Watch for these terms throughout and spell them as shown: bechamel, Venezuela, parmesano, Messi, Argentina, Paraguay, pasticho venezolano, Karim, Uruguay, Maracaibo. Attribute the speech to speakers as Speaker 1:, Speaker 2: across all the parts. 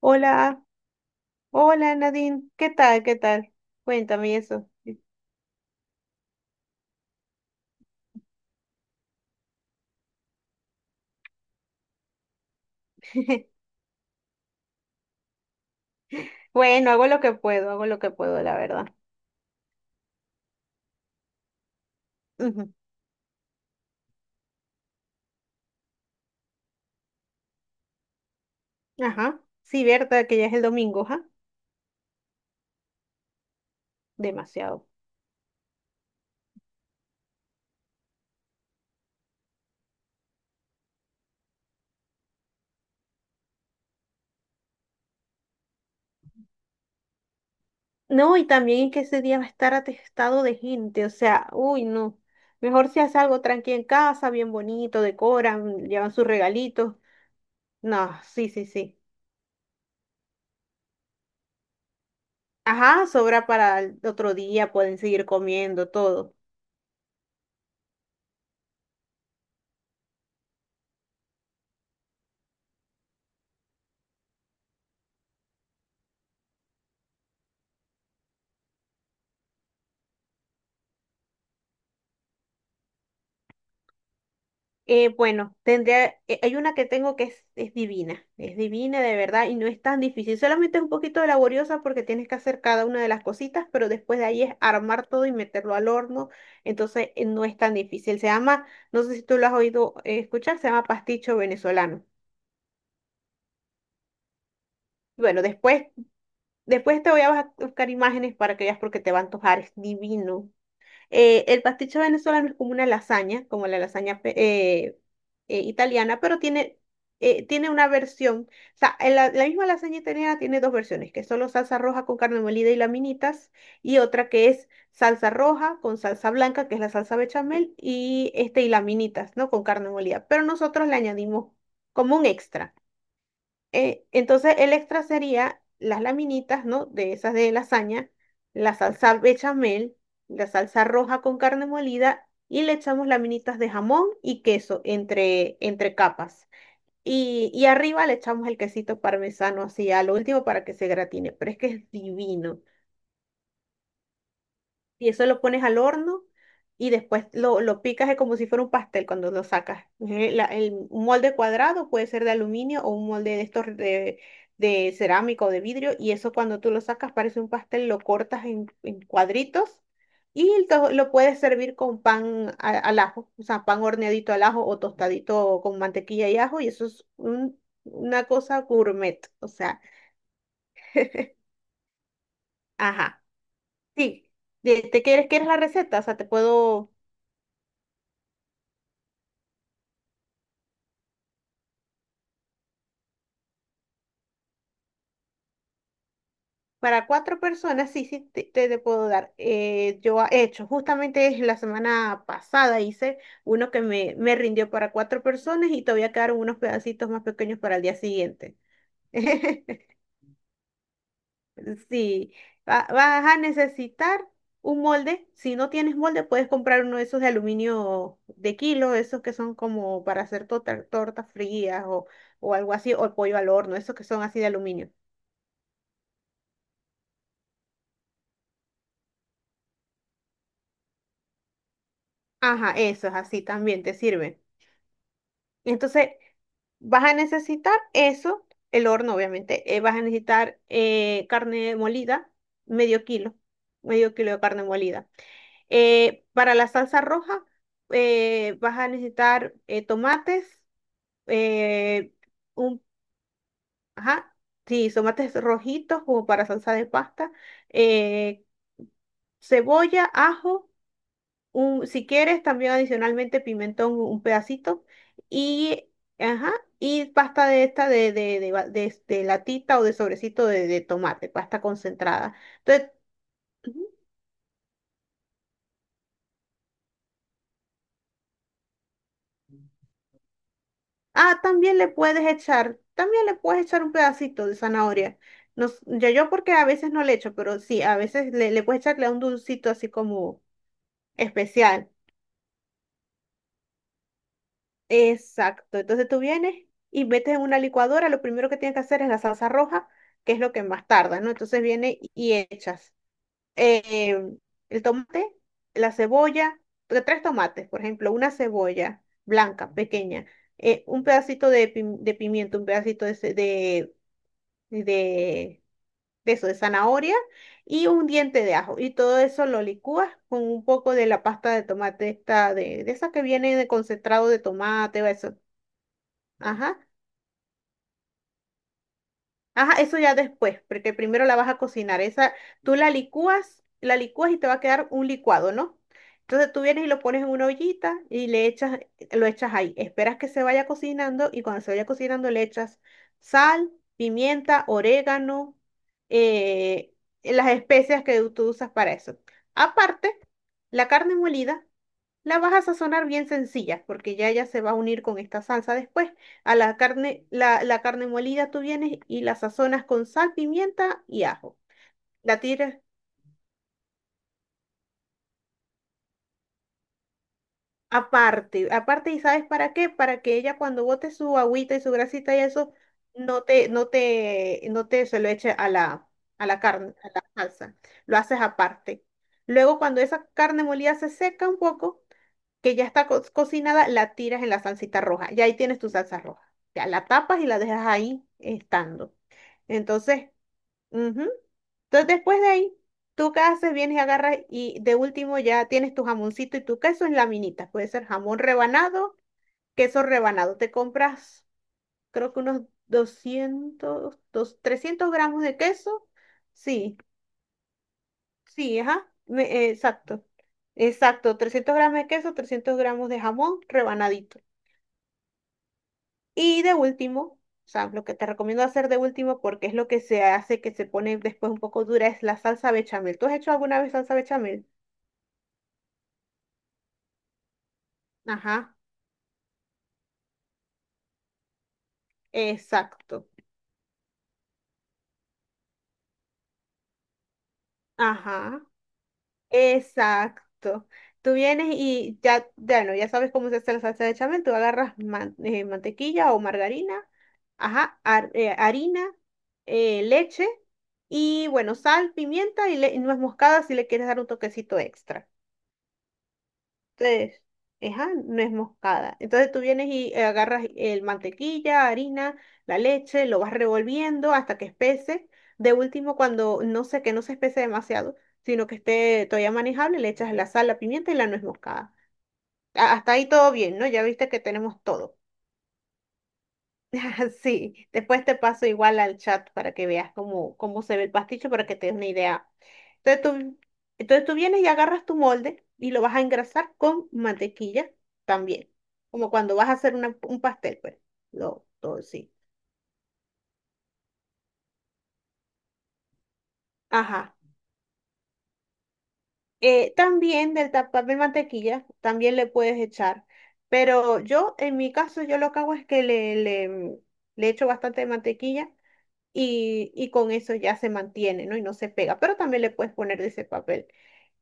Speaker 1: Hola, hola Nadine, ¿qué tal? ¿Qué tal? Cuéntame eso. Bueno, hago lo que puedo, hago lo que puedo, la verdad. Ujú. Ajá, sí, verdad que ya es el domingo, ja, demasiado. No, y también que ese día va a estar atestado de gente, o sea, uy, no. Mejor si haces algo tranqui en casa, bien bonito, decoran, llevan sus regalitos. No, sí, sí, sí. Ajá, sobra para el otro día, pueden seguir comiendo todo. Bueno, tendría, hay una que tengo que es divina, es divina de verdad y no es tan difícil, solamente es un poquito laboriosa porque tienes que hacer cada una de las cositas, pero después de ahí es armar todo y meterlo al horno, entonces no es tan difícil. Se llama, no sé si tú lo has oído escuchar, se llama pasticho venezolano. Bueno, después te voy a buscar imágenes para que veas porque te va a antojar, es divino. El pasticho venezolano es como una lasaña, como la lasaña italiana, pero tiene una versión, o sea, en la misma lasaña italiana tiene dos versiones, que es solo salsa roja con carne molida y laminitas, y otra que es salsa roja con salsa blanca, que es la salsa bechamel, y, este, y laminitas, ¿no? Con carne molida. Pero nosotros le añadimos como un extra. Entonces el extra sería las laminitas, ¿no? De esas de lasaña, la salsa bechamel, la salsa roja con carne molida y le echamos laminitas de jamón y queso entre capas. Y arriba le echamos el quesito parmesano así a lo último para que se gratine, pero es que es divino y eso lo pones al horno y después lo picas como si fuera un pastel cuando lo sacas. Un molde cuadrado puede ser de aluminio o un molde de estos de cerámica o de vidrio y eso cuando tú lo sacas parece un pastel, lo cortas en cuadritos y lo puedes servir con pan al ajo, o sea, pan horneadito al ajo o tostadito con mantequilla y ajo y eso es una cosa gourmet, o sea, ajá. Sí, ¿te quieres, quieres la receta? O sea, te puedo... Para cuatro personas, sí, sí, te puedo dar. Yo he hecho, justamente la semana pasada hice uno que me rindió para cuatro personas y todavía quedaron unos pedacitos más pequeños para el día siguiente. Sí, vas a necesitar un molde. Si no tienes molde, puedes comprar uno de esos de aluminio de kilo, esos que son como para hacer tortas frías o algo así, o pollo al horno, esos que son así de aluminio. Ajá, esos así también te sirven. Entonces, vas a necesitar eso, el horno, obviamente. Vas a necesitar carne molida, medio kilo, medio kilo de carne molida. Para la salsa roja, vas a necesitar tomates, eh, un, ajá, sí, tomates rojitos como para salsa de pasta, eh, cebolla, ajo. Si quieres, también adicionalmente pimentón, un pedacito, y, ajá, y pasta de esta de latita o de sobrecito de tomate, pasta concentrada. Entonces, ujú. Ah, también le puedes echar, también le puedes echar un pedacito de zanahoria. No, yo porque a veces no le echo, pero sí, a veces le puedes echarle un dulcito así como especial. Exacto. Entonces tú vienes y metes en una licuadora, lo primero que tienes que hacer es la salsa roja, que es lo que más tarda, ¿no? Entonces viene y echas eh, el tomate, la cebolla, tres tomates, por ejemplo, una cebolla blanca, pequeña, un pedacito de pimiento, un pedacito de, de eso, de zanahoria y un diente de ajo. Y todo eso lo licúas con un poco de la pasta de tomate, esta de esa que viene de concentrado de tomate o eso. Ajá. Ajá, eso ya después, porque primero la vas a cocinar. Esa, tú la licúas y te va a quedar un licuado, ¿no? Entonces tú vienes y lo pones en una ollita y le echas, lo echas ahí. Esperas que se vaya cocinando y cuando se vaya cocinando le echas sal, pimienta, orégano, eh, las especias que tú usas para eso. Aparte, la carne molida. La vas a sazonar bien sencilla, porque ya se va a unir con esta salsa después. A la carne, la carne molida tú vienes y la sazonas con sal, pimienta y ajo. La tiras aparte, ¿y sabes para qué? Para que ella cuando bote su agüita y su grasita y eso, no te se lo eche a la carne, a la salsa. Lo haces aparte. Luego, cuando esa carne molida se seca un poco, que ya está cocinada, la tiras en la salsita roja. Y ahí tienes tu salsa roja. Ya la tapas y la dejas ahí estando. Entonces, ujú. Entonces después de ahí, tú qué haces, vienes y agarras y de último ya tienes tu jamoncito y tu queso en laminitas. Puede ser jamón rebanado, queso rebanado. Te compras, creo que unos 300 gramos de queso. Sí, sí, ajá, exacto. Exacto, 300 gramos de queso, 300 gramos de jamón rebanadito. Y de último, o sea, lo que te recomiendo hacer de último, porque es lo que se hace que se pone después un poco dura, es la salsa bechamel. ¿Tú has hecho alguna vez salsa bechamel? Ajá, exacto. Ajá, exacto. Tú vienes y ya, ya no, ya sabes cómo se hace la salsa de bechamel. Tú agarras mantequilla o margarina, ajá, harina, leche y bueno, sal, pimienta y nuez moscada si le quieres dar un toquecito extra. Entonces, esa no es moscada. Entonces tú vienes y agarras el mantequilla, harina, la leche, lo vas revolviendo hasta que espese. De último, cuando no sé que no se espese demasiado, sino que esté todavía manejable, le echas la sal, la pimienta y la nuez moscada. Hasta ahí todo bien, ¿no? Ya viste que tenemos todo. Sí, después te paso igual al chat para que veas cómo, cómo se ve el pasticho, para que te des una idea. Entonces tú, entonces tú vienes y agarras tu molde y lo vas a engrasar con mantequilla también, como cuando vas a hacer un pastel, pues, lo, todo sí. Ajá. También papel mantequilla, también le puedes echar, pero yo, en mi caso, yo lo que hago es que le echo bastante mantequilla y con eso ya se mantiene, ¿no? Y no se pega, pero también le puedes poner de ese papel.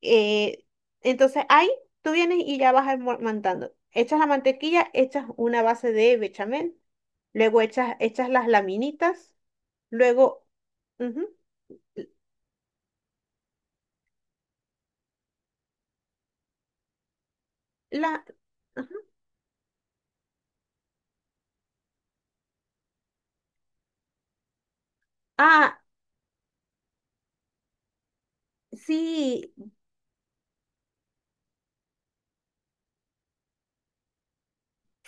Speaker 1: Eh, entonces ahí tú vienes y ya vas mandando. Echas la mantequilla, echas una base de bechamel, luego echas las laminitas, luego... ujú, la, ajá. Ah, sí,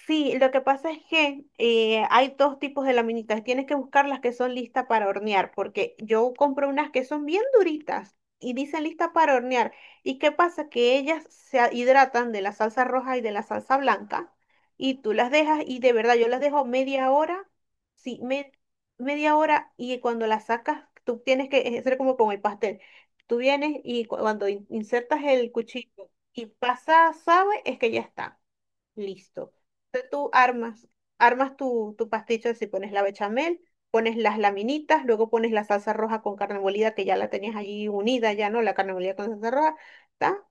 Speaker 1: sí, lo que pasa es que hay dos tipos de laminitas. Tienes que buscar las que son listas para hornear, porque yo compro unas que son bien duritas y dicen listas para hornear. ¿Y qué pasa? Que ellas se hidratan de la salsa roja y de la salsa blanca y tú las dejas y de verdad yo las dejo media hora, sí, media hora y cuando las sacas tú tienes que hacer como con el pastel. Tú vienes y cuando insertas el cuchillo y pasa, sabe, es que ya está. Listo. Entonces tú armas, tu pasticho así, pones la bechamel, pones las laminitas, luego pones la salsa roja con carne molida, que ya la tenías allí unida, ya no, la carne molida con salsa roja, ¿está?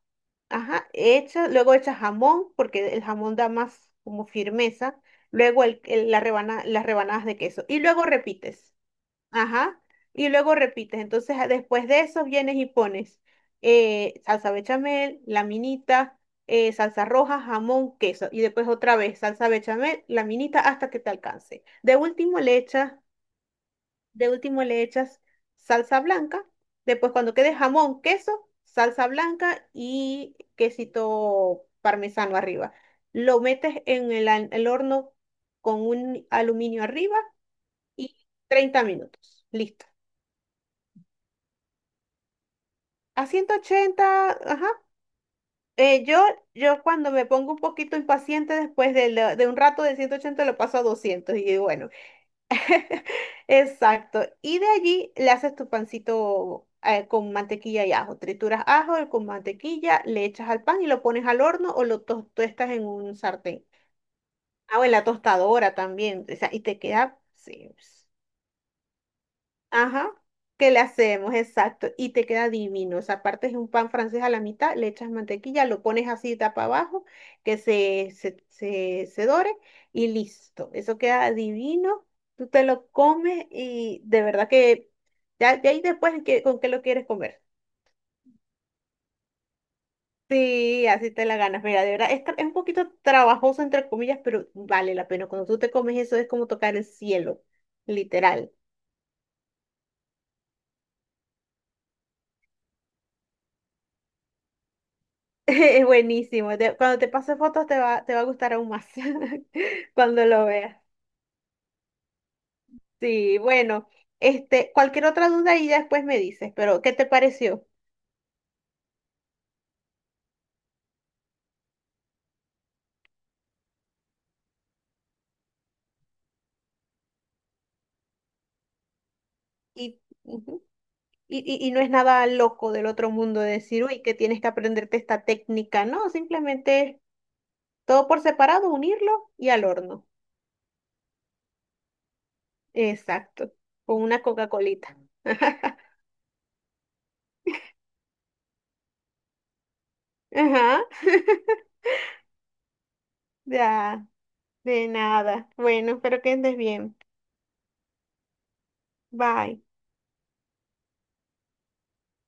Speaker 1: Ajá, hecha, luego echas jamón, porque el jamón da más como firmeza, luego las rebanadas de queso, y luego repites. Ajá. Y luego repites. Entonces, después de eso vienes y pones salsa bechamel, laminita, salsa roja, jamón, queso. Y después otra vez salsa bechamel, laminita, hasta que te alcance. De último le echas salsa blanca. Después cuando quede jamón, queso, salsa blanca y quesito parmesano arriba. Lo metes en el horno con un aluminio arriba y 30 minutos. Listo. A 180, ajá. Eh, yo, yo cuando me pongo un poquito impaciente después de un rato de 180 lo paso a 200 y digo, bueno, exacto. Y de allí le haces tu pancito con mantequilla y ajo. Trituras ajo con mantequilla, le echas al pan y lo pones al horno o lo tostas en un sartén. Ah, o en la tostadora también. O sea, y te queda, sí, Ajá, que le hacemos, exacto, y te queda divino. O sea, partes un pan francés a la mitad, le echas mantequilla, lo pones así tapa abajo, que se dore y listo. Eso queda divino, tú te lo comes y de verdad que ya de ahí después con qué lo quieres comer. Sí, así te la ganas. Mira, de verdad, es, es un poquito trabajoso entre comillas, pero vale la pena. Cuando tú te comes eso es como tocar el cielo, literal. Es buenísimo. Cuando te pase fotos te va a gustar aún más cuando lo veas. Sí, bueno, cualquier otra duda y ya después me dices, pero ¿qué te pareció? Y, ujú, y no es nada loco del otro mundo de decir, uy, que tienes que aprenderte esta técnica, no, simplemente es todo por separado, unirlo y al horno. Exacto, con una Coca-Colita. Ajá, ya, de nada. Bueno, espero que andes bien. Bye.